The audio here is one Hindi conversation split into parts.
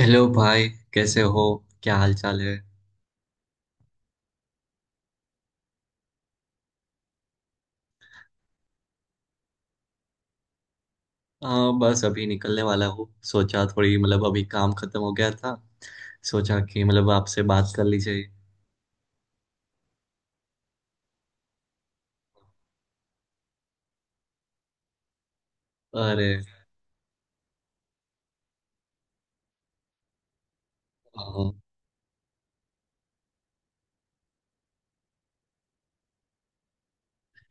हेलो भाई, कैसे हो? क्या हाल चाल है? बस अभी निकलने वाला हूँ। सोचा थोड़ी अभी काम खत्म हो गया था, सोचा कि आपसे बात कर ली जाए। अरे हाँ।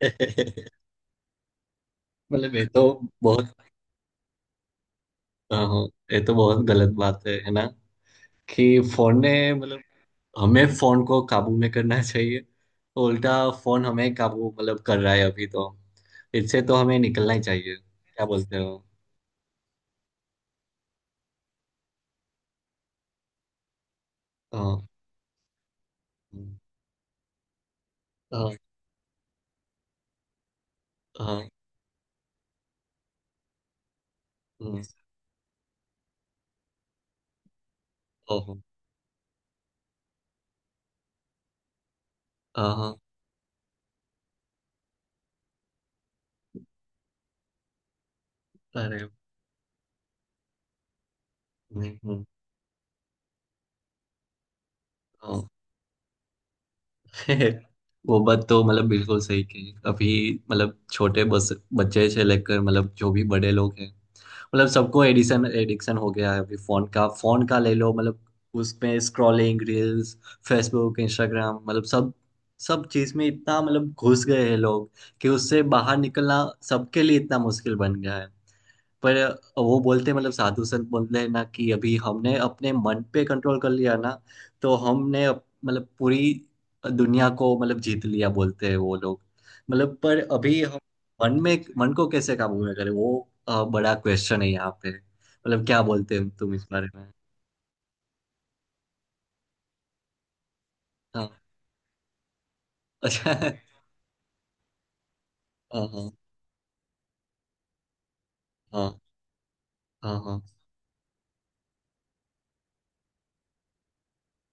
मतलब ये तो बहुत हाँ, ये तो बहुत गलत बात है ना? कि फोन ने हमें फोन को काबू में करना चाहिए, उल्टा फोन हमें काबू कर रहा है अभी तो। इससे तो हमें निकलना ही चाहिए, क्या बोलते हो? हाँ। हाँ। हाँ। हाँ, हाँ, हाँ। अरे नहीं हूँ, हाँ। वो बात तो बिल्कुल सही कही अभी। मतलब छोटे बस बच्चे से लेकर जो भी बड़े लोग हैं, सबको एडिशन एडिक्शन हो गया है अभी फोन का। ले लो उसमें स्क्रॉलिंग, रील्स, फेसबुक, इंस्टाग्राम, सब, चीज में इतना घुस गए हैं लोग कि उससे बाहर निकलना सबके लिए इतना मुश्किल बन गया है। पर वो बोलते साधु संत बोलते हैं ना, कि अभी हमने अपने मन पे कंट्रोल कर लिया ना, तो हमने पूरी दुनिया को जीत लिया, बोलते हैं वो लोग। पर अभी हम मन को कैसे काबू में करें, वो बड़ा क्वेश्चन है यहाँ पे। क्या बोलते हो तुम इस बारे में? हाँ। अच्छा। हाँ। हाँ। हाँ। हाँ। हाँ।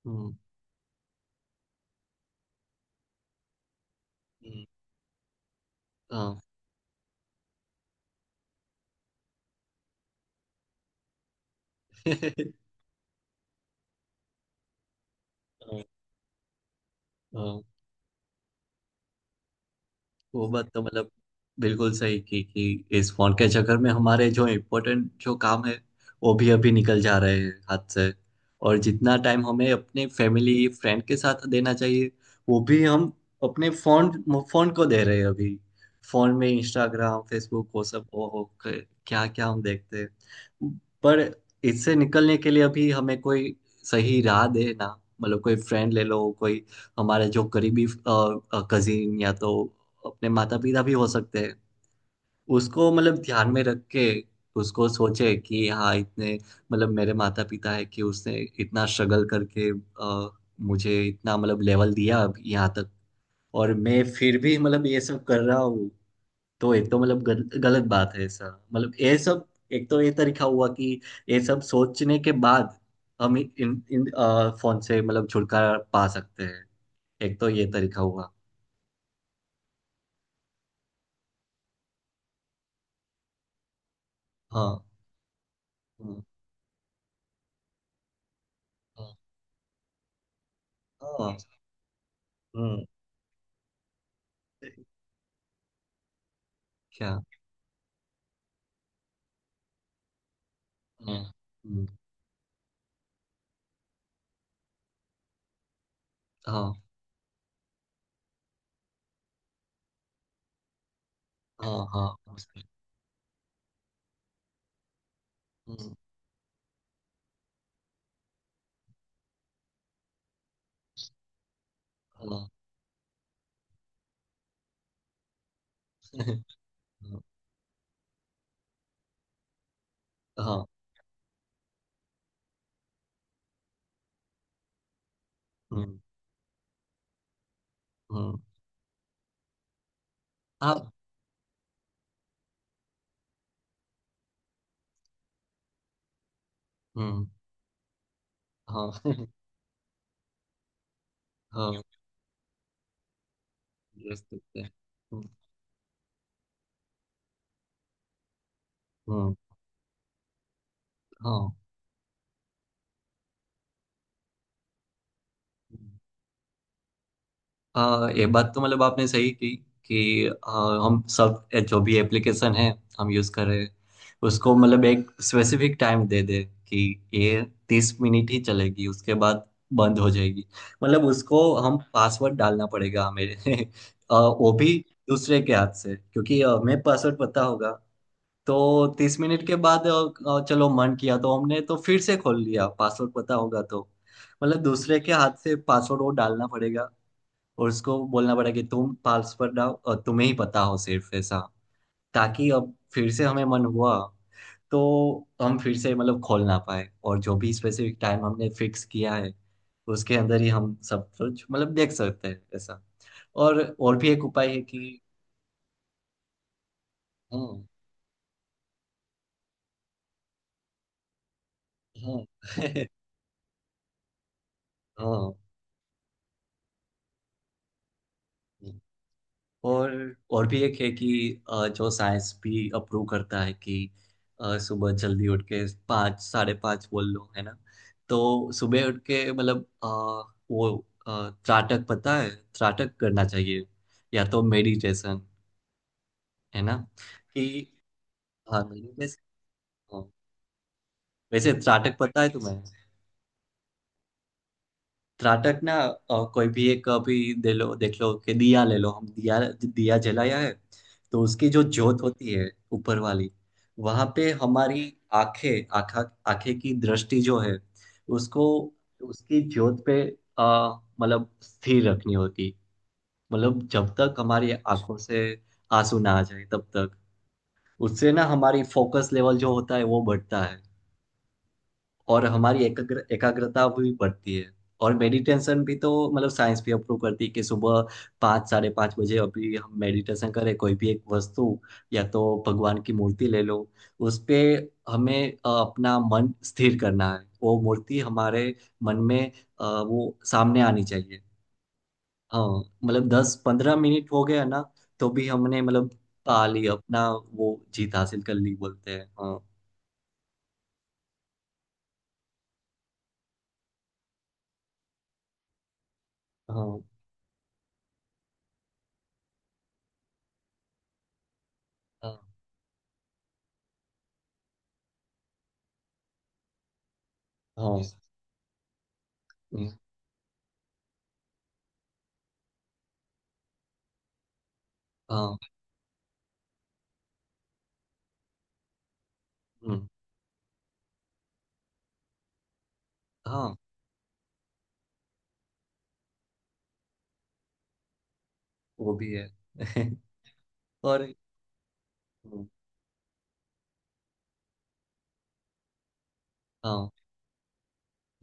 हम्म, हम्म, हाँ। हाँ। हाँ। वो बात तो बिल्कुल सही की कि इस फोन के चक्कर में हमारे जो इम्पोर्टेंट जो काम है, वो भी अभी निकल जा रहे हैं हाथ से। और जितना टाइम हमें अपने फैमिली फ्रेंड के साथ देना चाहिए, वो भी हम अपने फोन फोन को दे रहे हैं अभी। फोन में इंस्टाग्राम, फेसबुक, वो सब, ओ हो, क्या क्या हम देखते हैं। पर इससे निकलने के लिए अभी हमें कोई सही राह दे ना। कोई फ्रेंड ले लो, कोई हमारे जो करीबी कजिन, या तो अपने माता पिता भी हो सकते हैं। उसको ध्यान में रख के उसको सोचे कि हाँ, इतने मेरे माता पिता है कि उसने इतना स्ट्रगल करके मुझे इतना लेवल दिया अब यहाँ तक, और मैं फिर भी ये सब कर रहा हूँ। तो एक तो गलत बात है ऐसा, ये सब। एक तो ये तरीका हुआ कि ये सब सोचने के बाद हम इन इन अ, फोन से छुटकारा पा सकते हैं। एक तो ये तरीका हुआ। हाँ। हम्म। हाँ। हाँ। हम्म। क्या? हाँ। हम्म। हाँ। हाँ। हाँ। हम्म। हाँ। हाँ। हम्म। हम्म। हाँ। हम्म। हाँ। हाँ, yes, ठीक है। हम्म। हम्म। हाँ। ये बात तो आपने सही की कि हम सब जो भी एप्लीकेशन है हम यूज़ कर रहे हैं, उसको एक स्पेसिफिक टाइम दे दे कि ये 30 मिनट ही चलेगी, उसके बाद बंद हो जाएगी। उसको हम पासवर्ड डालना पड़ेगा हमें। वो भी दूसरे के हाथ से, क्योंकि हमें पासवर्ड पता होगा तो तीस मिनट के बाद आ, आ, चलो, मन किया तो हमने तो फिर से खोल लिया, पासवर्ड पता होगा तो। दूसरे के हाथ से पासवर्ड वो डालना पड़ेगा, और उसको बोलना पड़ा कि तुम पल्स पर डालो और तुम्हें ही पता हो सिर्फ, ऐसा, ताकि अब फिर से हमें मन हुआ तो हम फिर से खोल ना पाए, और जो भी स्पेसिफिक टाइम हमने फिक्स किया है उसके अंदर ही हम सब कुछ देख सकते हैं, ऐसा। और भी एक उपाय है कि, हाँ। हाँ। हाँ। और और भी एक है कि जो साइंस भी अप्रूव करता है कि सुबह जल्दी उठ के 5, साढ़े 5 बोल लो, है ना। तो सुबह उठ के वो त्राटक पता है, त्राटक करना चाहिए या तो मेडिटेशन, है ना। कि हाँ, मेडिटेशन। वैसे त्राटक पता है तुम्हें? त्राटक ना, कोई भी एक अभी दे लो, देख लो कि दिया ले लो, हम दिया, दिया जलाया है, तो उसकी जो ज्योत होती है ऊपर वाली, वहां पे हमारी आंखें आंखा आंखें की दृष्टि जो है उसको, उसकी ज्योत पे स्थिर रखनी होती। जब तक हमारी आंखों से आंसू ना आ जाए तब तक, उससे ना हमारी फोकस लेवल जो होता है वो बढ़ता है, और हमारी एकाग्रता भी बढ़ती है। और मेडिटेशन भी तो, साइंस भी अप्रूव करती है कि सुबह 5, साढ़े 5 बजे अभी हम मेडिटेशन करें। कोई भी एक वस्तु या तो भगवान की मूर्ति ले लो, उस पे हमें अपना मन स्थिर करना है। वो मूर्ति हमारे मन में वो सामने आनी चाहिए। हाँ, 10, 15 मिनट हो गया ना, तो भी हमने पा ली अपना वो, जीत हासिल कर ली, बोलते हैं। हाँ। हाँ। हाँ। हाँ। हम्म। हाँ। हम्म। हाँ। वो भी है। और हम्म। हाँ।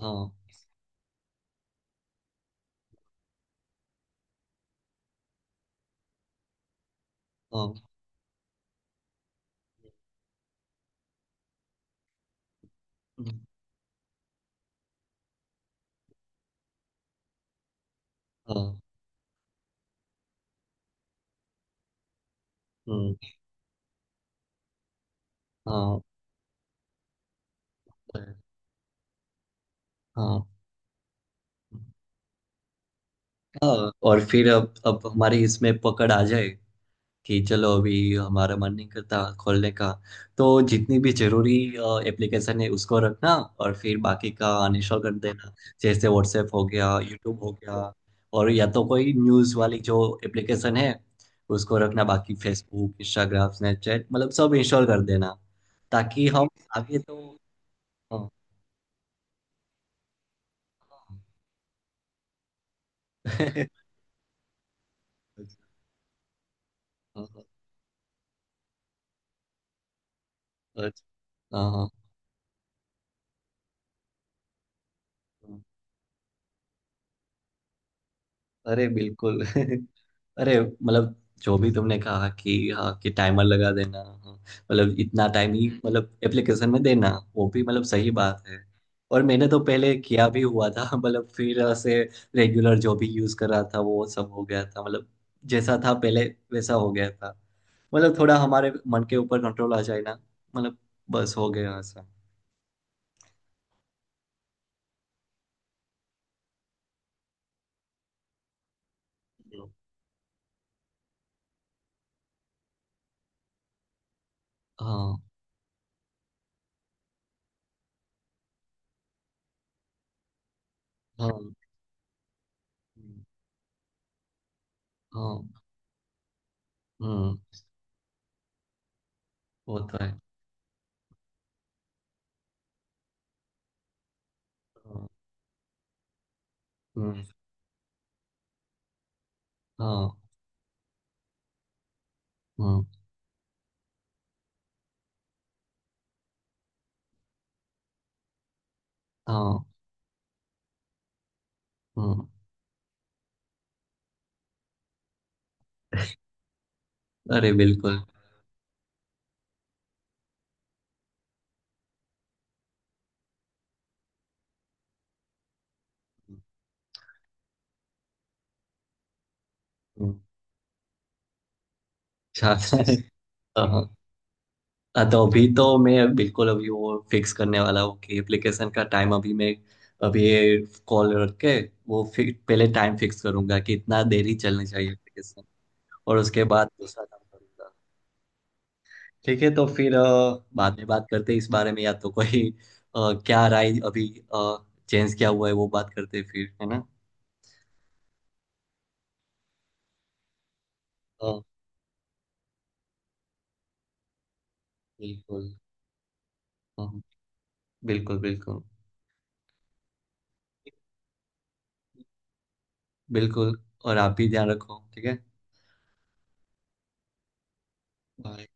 हाँ। हाँ। हम्म। हाँ। हम्म। हाँ। हाँ। हाँ। हाँ, और फिर अब हमारी इसमें पकड़ आ जाए कि चलो, अभी हमारा मन नहीं करता खोलने का, तो जितनी भी जरूरी एप्लीकेशन है उसको रखना, और फिर बाकी का अनइंस्टॉल कर देना। जैसे व्हाट्सएप हो गया, यूट्यूब हो गया, और या तो कोई न्यूज़ वाली जो एप्लीकेशन है उसको रखना, बाकी फेसबुक, इंस्टाग्राम, स्नैपचैट, सब इंस्टॉल कर देना, ताकि हम आगे तो, हाँ। अच्छा। हाँ, हाँ, अच्छा। हाँ, हाँ, हाँ। अरे बिल्कुल। अरे जो भी तुमने कहा कि हाँ, कि टाइमर लगा देना, हाँ, इतना टाइम ही एप्लीकेशन में देना, वो भी सही बात है। और मैंने तो पहले किया भी हुआ था। फिर ऐसे रेगुलर जो भी यूज कर रहा था वो सब हो गया था, जैसा था पहले वैसा हो गया था। थोड़ा हमारे मन के ऊपर कंट्रोल आ जाए ना, मतलब बस हो गया ऐसा। हाँ। हाँ। हाँ। हम्म। वो तो है। हाँ। हम्म। हाँ। हम्म। हाँ। हम्म। अरे बिल्कुल। हम्म, चाहता है। हाँ, हाँ, तो अभी तो मैं बिल्कुल अभी वो फिक्स करने वाला हूँ कि एप्लीकेशन का टाइम अभी मैं, अभी ये कॉल रख के, वो फिर पहले टाइम फिक्स करूंगा कि इतना देरी चलनी चाहिए एप्लीकेशन, और उसके बाद दूसरा काम करूंगा। ठीक है, तो फिर बाद में बात करते हैं इस बारे में, या तो कोई क्या राय अभी, चेंज क्या हुआ है, वो बात करते हैं फिर, है ना। हाँ। बिल्कुल। हाँ। बिल्कुल, बिल्कुल। बिल्कुल। और आप भी ध्यान रखो, ठीक है। बाय।